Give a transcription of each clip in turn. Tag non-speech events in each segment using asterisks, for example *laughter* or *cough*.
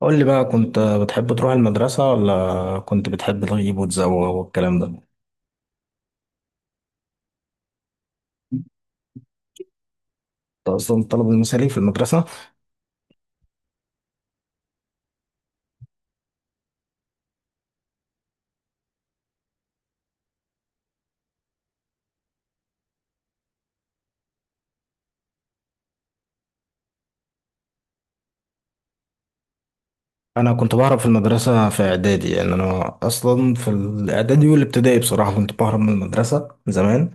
قول لي بقى، كنت بتحب تروح المدرسة ولا كنت بتحب تغيب وتزوغ والكلام ده؟ كنت أصلا الطالب المثالي في المدرسة. أنا كنت بعرف في المدرسة في إعدادي، يعني أنا أصلا في الإعدادي والابتدائي بصراحة كنت بهرب من المدرسة زمان.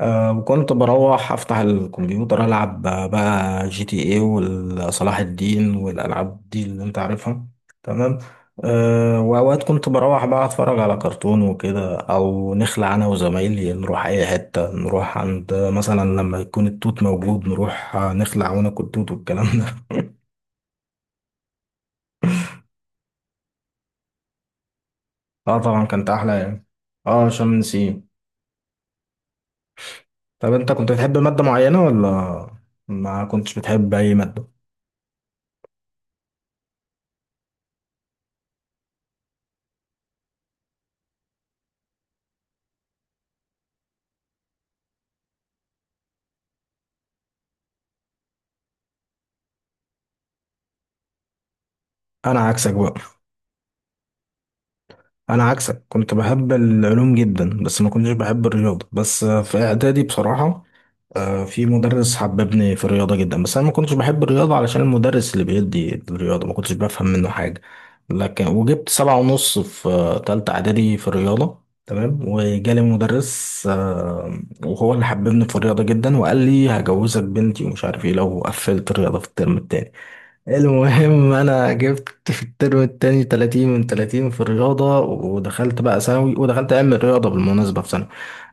أه، وكنت بروح أفتح الكمبيوتر ألعب بقى جي تي اي وصلاح الدين والألعاب دي اللي أنت عارفها. تمام. أه، وأوقات كنت بروح بقى أتفرج على كرتون وكده، أو نخلع أنا وزمايلي نروح أي حتة، نروح عند مثلا لما يكون التوت موجود نروح، نخلع وناكل توت والكلام ده. *laughs* اه طبعا، كانت أحلى يعني. اه عشان نسيم. طب أنت كنت بتحب مادة معينة ولا ما كنتش بتحب أي مادة؟ أنا عكسك بقى. انا عكسك، كنت بحب العلوم جدا، بس ما كنتش بحب الرياضه، بس في اعدادي بصراحه. في مدرس حببني في الرياضه جدا، بس انا ما كنتش بحب الرياضه علشان المدرس اللي بيدي الرياضه ما كنتش بفهم منه حاجه. لكن وجبت سبعة ونص في تالتة اعدادي في الرياضه، تمام، وجالي مدرس وهو اللي حببني في الرياضه جدا، وقال لي هجوزك بنتي ومش عارف ايه لو قفلت الرياضه في الترم التاني. المهم انا جبت في الترم التاني 30 من 30 في الرياضة، ودخلت بقى ثانوي، ودخلت علم الرياضة بالمناسبة في ثانوي.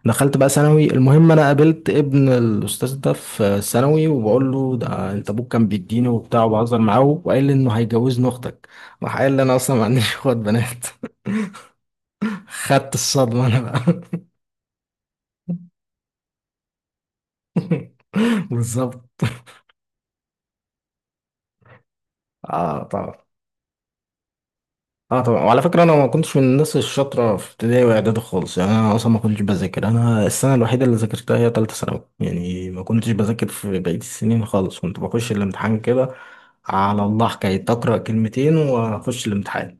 دخلت بقى ثانوي، المهم انا قابلت ابن الاستاذ ده في ثانوي، وبقول له ده انت ابوك كان بيديني وبتاع، وبهزر معاه، وقال لي انه هيجوزني اختك. راح قال لي انا اصلا ما عنديش اخوات بنات. *laughs* خدت الصدمة انا بقى. *laughs* بالظبط. اه طبعا. اه طبعا، وعلى فكره انا ما كنتش من الناس الشاطره في ابتدائي واعدادي خالص، يعني انا اصلا ما كنتش بذاكر، انا السنه الوحيده اللي ذاكرتها هي ثالثه ثانوي، يعني ما كنتش بذاكر في بقيه السنين خالص، كنت بخش الامتحان كده على الله، حكايه اقرا كلمتين واخش الامتحان.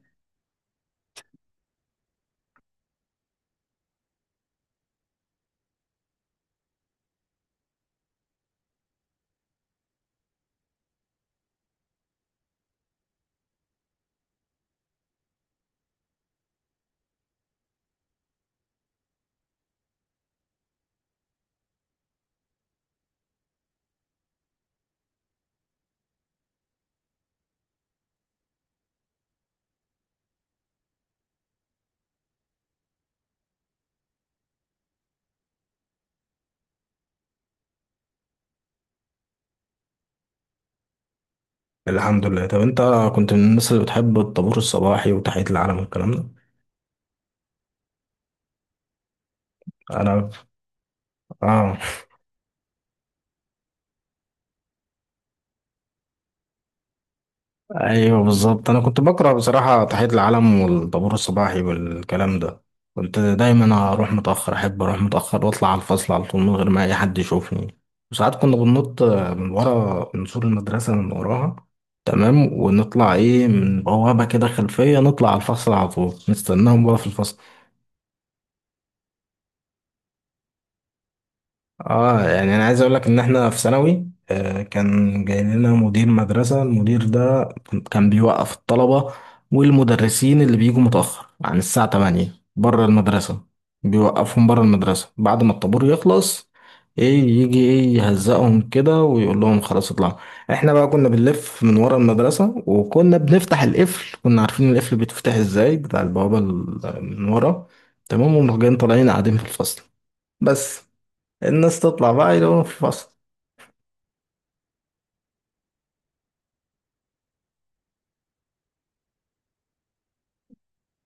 الحمد لله. طب انت كنت من الناس اللي بتحب الطابور الصباحي وتحيه العلم والكلام ده. انا، اه. ايوه بالظبط، انا كنت بقرا بصراحه تحيه العلم والطابور الصباحي والكلام ده. كنت دايما اروح متاخر، احب اروح متاخر واطلع على الفصل على طول من غير ما اي حد يشوفني. وساعات كنا بننط من ورا، من سور المدرسه من وراها، تمام، ونطلع ايه من بوابه كده خلفيه، نطلع على الفصل على طول، نستناهم بقى في الفصل. اه، يعني انا عايز اقول لك ان احنا في ثانوي، آه، كان جاي لنا مدير مدرسة. المدير ده كان بيوقف الطلبة والمدرسين اللي بيجوا متأخر عن الساعة 8 بره المدرسة. بيوقفهم بره المدرسة بعد ما الطابور يخلص، ايه يجي ايه يهزقهم كده ويقول لهم خلاص اطلعوا. احنا بقى كنا بنلف من ورا المدرسة، وكنا بنفتح القفل، كنا عارفين القفل بيتفتح ازاي، بتاع البوابة ال- من ورا. تمام، ومجان طالعين قاعدين في الفصل. بس الناس تطلع بقى يلاقوهم في فصل.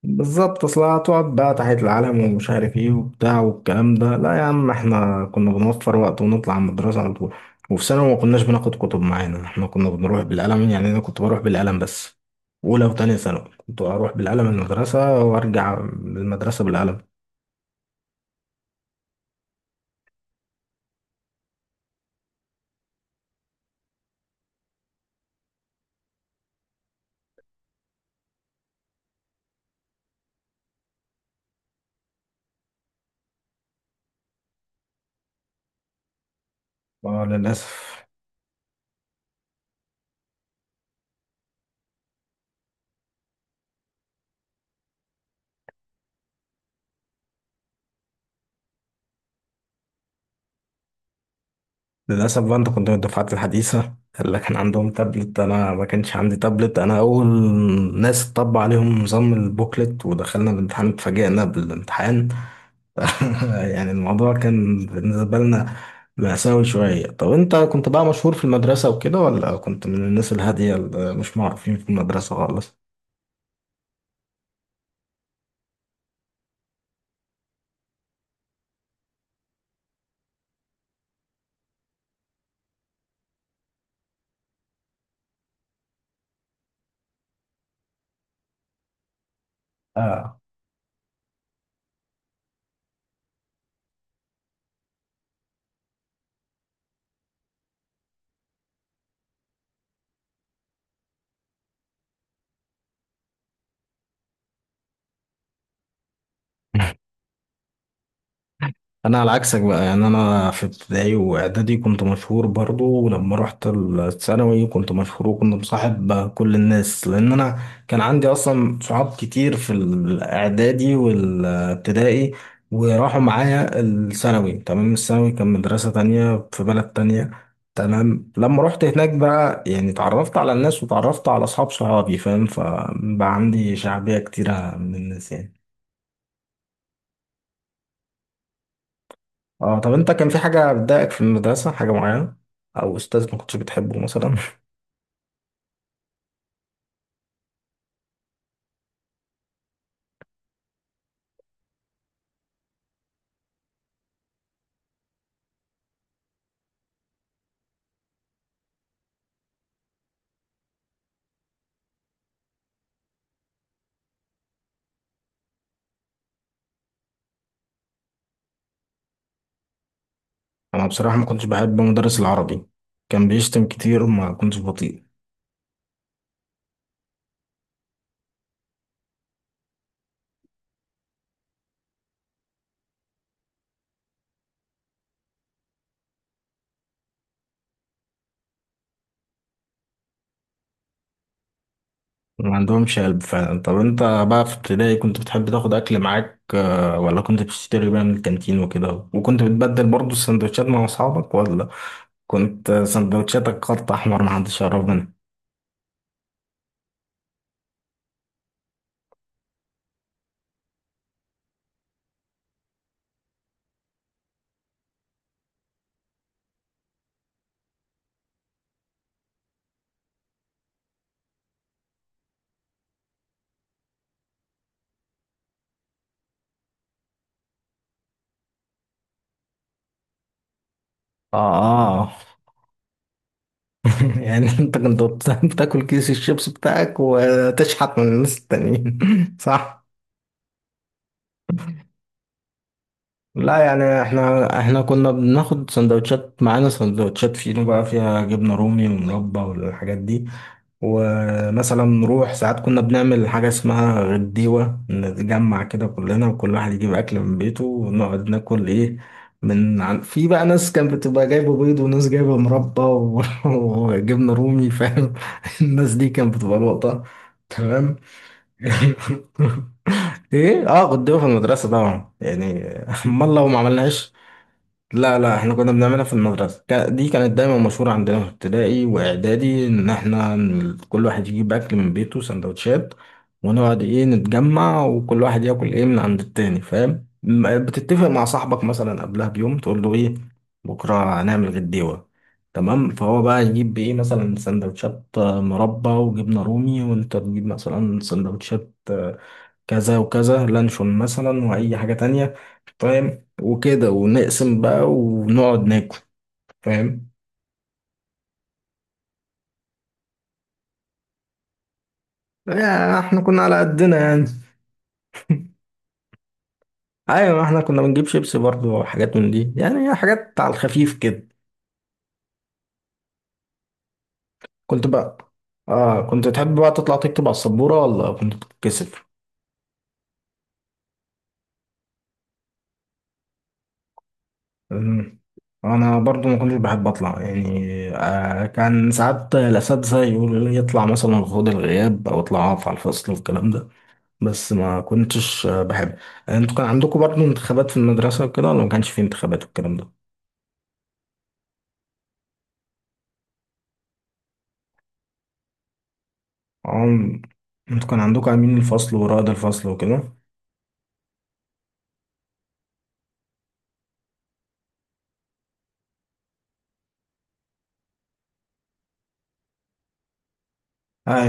بالظبط، اصل هتقعد بقى تحية العلم ومش عارف ايه وبتاع والكلام ده. لا يا عم، احنا كنا بنوفر وقت ونطلع من الدراسة على طول. وفي ثانوي ما كناش بناخد كتب معانا، احنا كنا بنروح بالقلم، يعني انا كنت بروح بالقلم بس. اولى وتانية ثانوي كنت اروح بالقلم المدرسة وارجع من المدرسة بالقلم. اه للاسف. للأسف بقى، أنت كنت من الدفعات الحديثة اللي كان عندهم تابلت، أنا ما كانش عندي تابلت، أنا أول ناس طبق عليهم نظام البوكلت، ودخلنا الامتحان اتفاجئنا بالامتحان. *laughs* يعني الموضوع كان بالنسبة لنا مأساوي شوية. طب أنت كنت بقى مشهور في المدرسة وكده، ولا كنت من الناس الهادية اللي مش معروفين في المدرسة خالص؟ آه. انا على عكسك بقى، يعني انا في ابتدائي واعدادي كنت مشهور برضو، ولما رحت الثانوي كنت مشهور، وكنت مصاحب كل الناس، لان انا كان عندي اصلا صحاب كتير في الاعدادي والابتدائي، وراحوا معايا الثانوي. تمام، الثانوي كان مدرسة تانية في بلد تانية. تمام، لما رحت هناك بقى يعني اتعرفت على الناس، وتعرفت على اصحاب صحابي، فاهم؟ فبقى عندي شعبية كتيرة من الناس يعني. اه. طب انت كان في حاجة بتضايقك في المدرسة، حاجة معينة او استاذ ما كنتش بتحبه مثلا؟ *laughs* انا بصراحة ما كنتش بحب مدرس العربي، كان بيشتم كتير وما كنتش بطيء. ما عندهمش قلب فعلا. طب انت بقى في ابتدائي كنت بتحب تاخد اكل معاك، ولا كنت بتشتري بقى من الكانتين وكده، وكنت بتبدل برضو السندوتشات مع اصحابك، ولا كنت سندوتشاتك خط احمر ما حدش يعرف منها؟ اه اه. *laughs* يعني انت كنت بتاكل كيس الشيبس بتاعك وتشحت من الناس التانيين؟ *laughs* صح. لا يعني احنا، كنا بناخد سندوتشات معانا، سندوتشات فينو بقى فيها جبنة رومي ومربى والحاجات دي. ومثلا نروح ساعات كنا بنعمل حاجة اسمها غديوة، نتجمع كده كلنا وكل واحد يجيب أكل من بيته، ونقعد ناكل ايه من في بقى ناس كانت بتبقى جايبة بيض، وناس جايبة مربى و... *laughs* وجبنة رومي، فاهم؟ *laughs* الناس دي كانت بتبقى لقطة. تمام. *laughs* ايه اه، غديوة في المدرسة طبعا يعني، *laughs* امال لو ما عملناش. لا لا، احنا كنا بنعملها في المدرسة، دي كانت دايما مشهورة عندنا في ابتدائي واعدادي، ان احنا كل واحد يجيب اكل من بيته سندوتشات، ونقعد ايه نتجمع، وكل واحد ياكل ايه من عند التاني، فاهم؟ بتتفق مع صاحبك مثلا قبلها بيوم تقول له ايه، بكرة هنعمل غديوة. تمام، فهو بقى يجيب ايه مثلا سندوتشات مربى وجبنة رومي، وانت تجيب مثلا سندوتشات كذا وكذا، لانشون مثلا، واي حاجة تانية، فاهم؟ وكده، ونقسم بقى ونقعد ناكل، فاهم؟ يعني احنا كنا على قدنا يعني. ايوه، ما احنا كنا بنجيب شيبسي برضو وحاجات من دي، يعني حاجات على الخفيف كده. كنت بقى، اه كنت تحب بقى تطلع تكتب على السبورة، ولا كنت بتتكسف؟ أمم. انا برضو ما كنتش بحب اطلع يعني. آه، كان ساعات الاساتذه يقولوا لي يطلع مثلا خد الغياب، او اطلع اقف على الفصل والكلام ده، بس ما كنتش بحب. انتوا كان عندكم برضو انتخابات في المدرسه وكده، ولا ما كانش في انتخابات والكلام ده؟ عم. انتوا كان عندكم امين الفصل ورائد الفصل وكده؟ اي.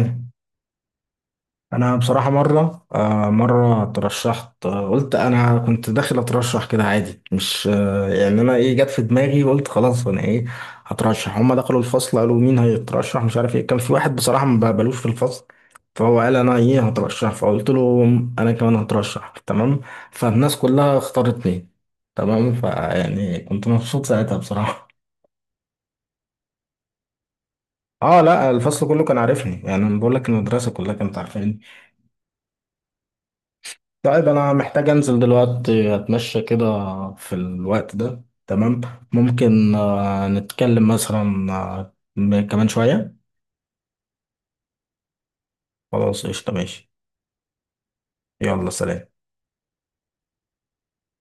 انا بصراحه مره، مره اترشحت، قلت انا كنت داخل اترشح كده عادي، مش يعني انا ايه جت في دماغي وقلت خلاص انا ايه هترشح. هما دخلوا الفصل قالوا مين هيترشح مش عارف ايه، كان في واحد بصراحه ما بقبلوش في الفصل، فهو قال انا ايه هترشح، فقلت له انا كمان هترشح. تمام، فالناس كلها اختارتني. تمام، فيعني كنت مبسوط ساعتها بصراحه. اه لا، الفصل كله كان عارفني، يعني انا بقول لك المدرسه كلها كانت عارفاني. طيب انا محتاج انزل دلوقتي اتمشى كده في الوقت ده، تمام؟ ممكن نتكلم مثلا كمان شويه. خلاص قشطه، ماشي. يلا سلام.